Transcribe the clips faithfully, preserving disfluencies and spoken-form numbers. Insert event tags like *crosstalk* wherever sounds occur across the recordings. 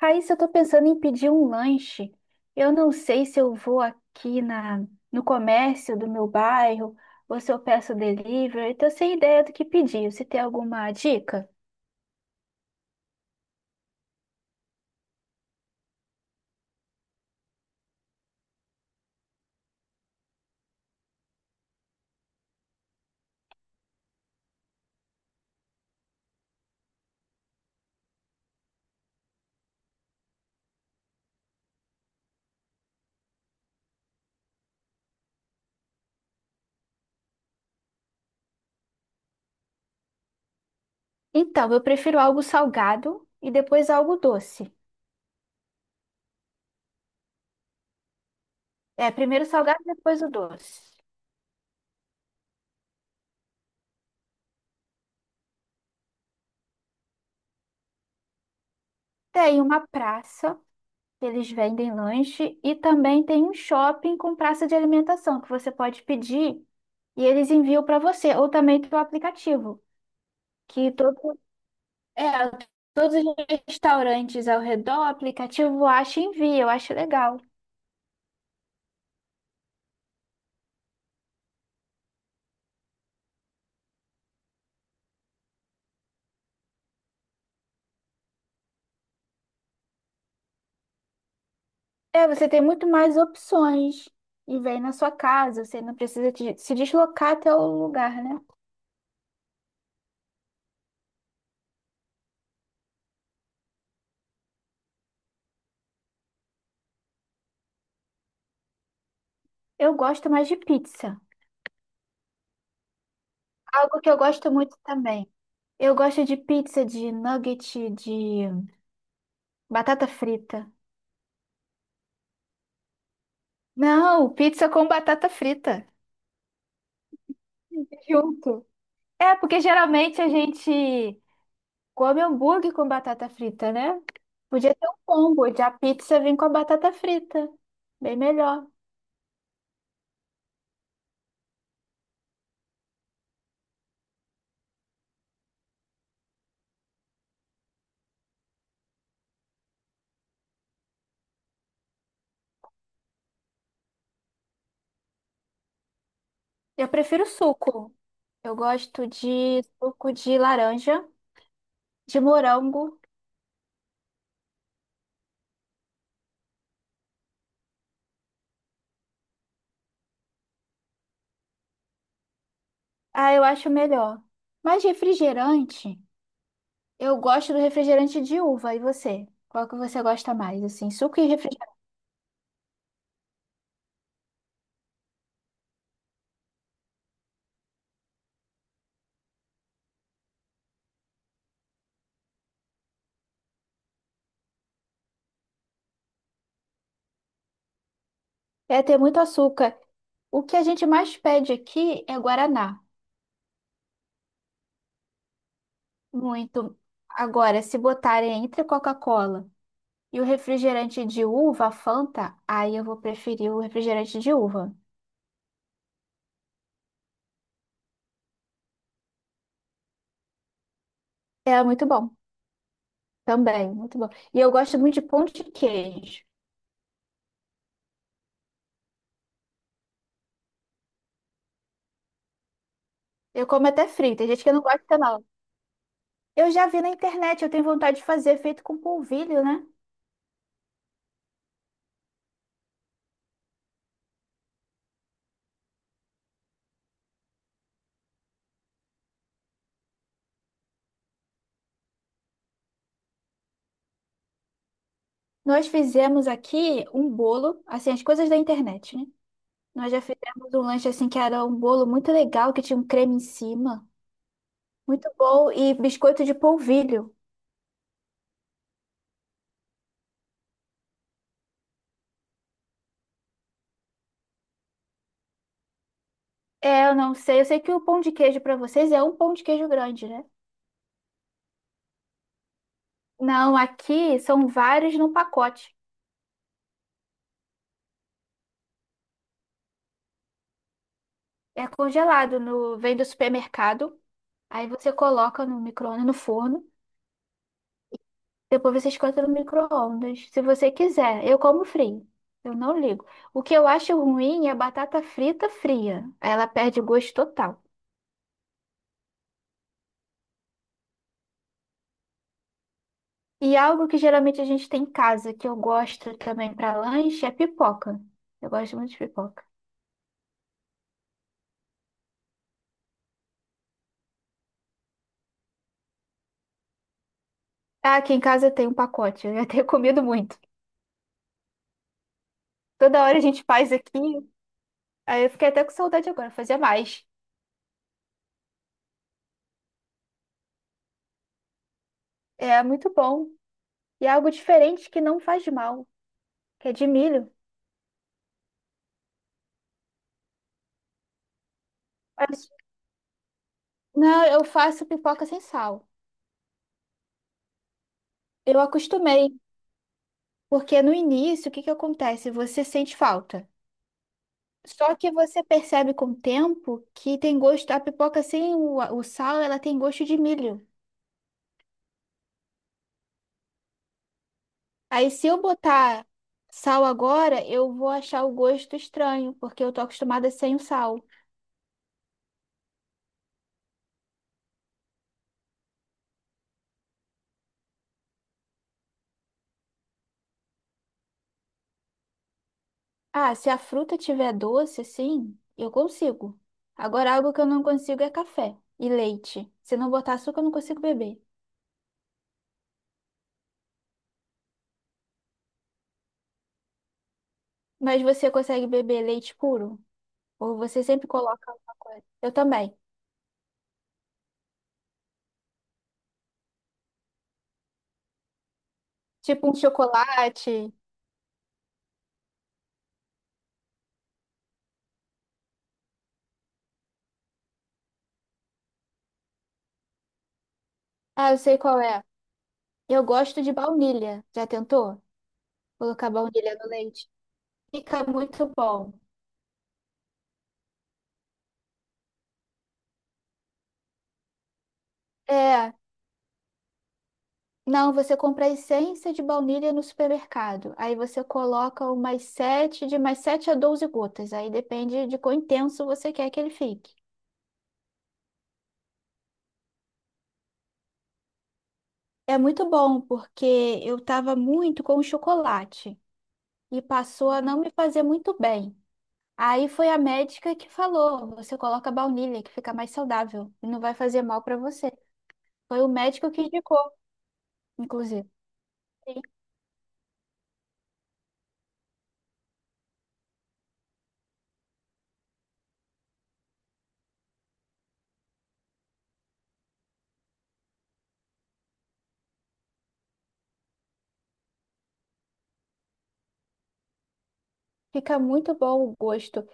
Raíssa, eu tô pensando em pedir um lanche. Eu não sei se eu vou aqui na, no comércio do meu bairro ou se eu peço delivery. Eu tô sem ideia do que pedir. Você tem alguma dica? Então, eu prefiro algo salgado e depois algo doce. É, primeiro salgado, depois o doce. Tem uma praça que eles vendem lanche e também tem um shopping com praça de alimentação que você pode pedir e eles enviam para você ou também pelo aplicativo, que todo É, todos os restaurantes ao redor, o aplicativo acha e envia, eu acho legal. É, você tem muito mais opções e vem na sua casa, você não precisa te- se deslocar até o lugar, né? Eu gosto mais de pizza, algo que eu gosto muito também. Eu gosto de pizza de nugget de batata frita. Não, pizza com batata frita. *laughs* Junto. É, porque geralmente a gente come hambúrguer com batata frita, né? Podia ter um combo de a pizza vir com a batata frita. Bem melhor. Eu prefiro suco. Eu gosto de suco de laranja, de morango. Ah, eu acho melhor. Mas refrigerante, eu gosto do refrigerante de uva. E você? Qual que você gosta mais? Assim, suco e refrigerante. É ter muito açúcar. O que a gente mais pede aqui é guaraná. Muito. Agora, se botarem entre Coca-Cola. E o refrigerante de uva, Fanta, aí eu vou preferir o refrigerante de uva. É muito bom também, muito bom. E eu gosto muito de pão de queijo. Eu como até frito, tem gente que não gosta não. Eu já vi na internet, eu tenho vontade de fazer feito com polvilho, né? Nós fizemos aqui um bolo, assim, as coisas da internet, né? Nós já fizemos um lanche assim que era um bolo muito legal, que tinha um creme em cima. Muito bom, e biscoito de polvilho. É, eu não sei. Eu sei que o pão de queijo para vocês é um pão de queijo grande, né? Não, aqui são vários num pacote. É congelado, no vem do supermercado. Aí você coloca no micro-ondas, no forno. Depois você esquenta no micro-ondas, se você quiser. Eu como frio. Eu não ligo. O que eu acho ruim é a batata frita fria. Ela perde o gosto total. E algo que geralmente a gente tem em casa, que eu gosto também para lanche, é pipoca. Eu gosto muito de pipoca. Ah, aqui em casa tem um pacote. Eu já tenho *laughs* comido muito. Toda hora a gente faz aqui. Aí eu fiquei até com saudade agora, fazia mais. É muito bom. E é algo diferente que não faz mal, que é de milho. Mas, não, eu faço pipoca sem sal. Eu acostumei, porque no início, o que que acontece? Você sente falta. Só que você percebe com o tempo que tem gosto, a pipoca sem o, o sal, ela tem gosto de milho. Aí se eu botar sal agora, eu vou achar o gosto estranho, porque eu tô acostumada sem o sal. Ah, se a fruta tiver doce, sim, eu consigo. Agora, algo que eu não consigo é café e leite. Se não botar açúcar, eu não consigo beber. Mas você consegue beber leite puro? Ou você sempre coloca alguma coisa? Eu também. Tipo um chocolate. Ah, eu sei qual é. Eu gosto de baunilha. Já tentou? Colocar baunilha no leite. Fica muito bom. É, não, você compra a essência de baunilha no supermercado. Aí você coloca umas sete, de mais sete a doze gotas. Aí depende de quão intenso você quer que ele fique. É muito bom, porque eu estava muito com o chocolate e passou a não me fazer muito bem. Aí foi a médica que falou: você coloca baunilha, que fica mais saudável e não vai fazer mal para você. Foi o médico que indicou, inclusive. Sim. Fica muito bom o gosto.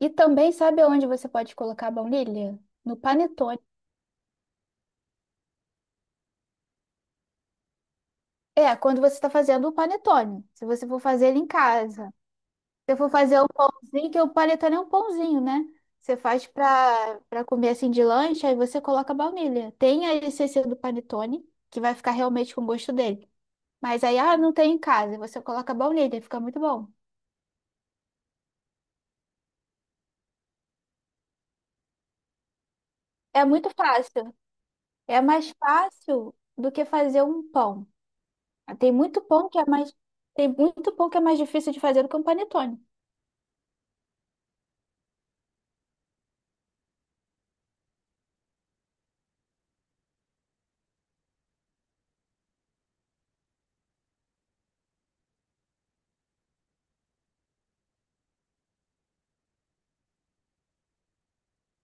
E também, sabe onde você pode colocar baunilha? No panetone. É, quando você está fazendo o panetone. Se você for fazer ele em casa. Se eu for fazer um pãozinho, que o panetone é um pãozinho, né? Você faz para para comer assim de lanche, aí você coloca a baunilha. Tem a essência do panetone, que vai ficar realmente com o gosto dele. Mas aí, ah, não tem em casa. Você coloca a baunilha, fica muito bom. É muito fácil. É mais fácil do que fazer um pão. Tem muito pão que é mais, tem muito pão que é mais difícil de fazer do que um panetone.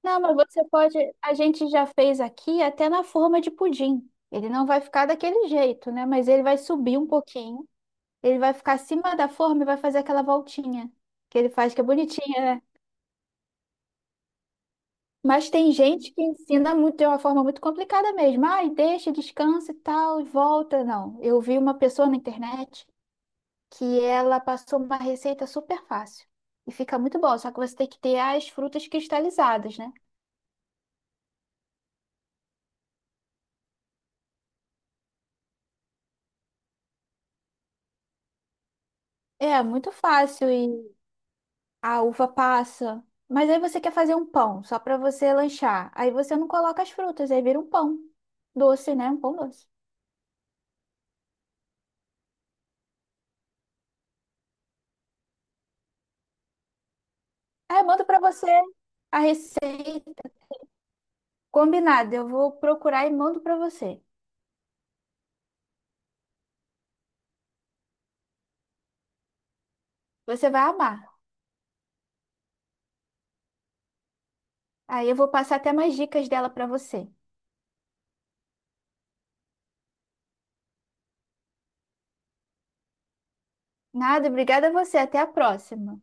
Não, mas você pode. A gente já fez aqui até na forma de pudim. Ele não vai ficar daquele jeito, né? Mas ele vai subir um pouquinho. Ele vai ficar acima da forma e vai fazer aquela voltinha que ele faz, que é bonitinha, né? Mas tem gente que ensina muito, de uma forma muito complicada mesmo. Ai, deixa, descansa e tal, e volta. Não. Eu vi uma pessoa na internet que ela passou uma receita super fácil. E fica muito bom, só que você tem que ter as frutas cristalizadas, né? É, muito fácil e a uva passa. Mas aí você quer fazer um pão só para você lanchar. Aí você não coloca as frutas, aí vira um pão doce, né? Um pão doce. Aí eu mando para você a receita combinada. Eu vou procurar e mando para você. Você vai amar. Aí eu vou passar até mais dicas dela para você. Nada, obrigada a você. Até a próxima.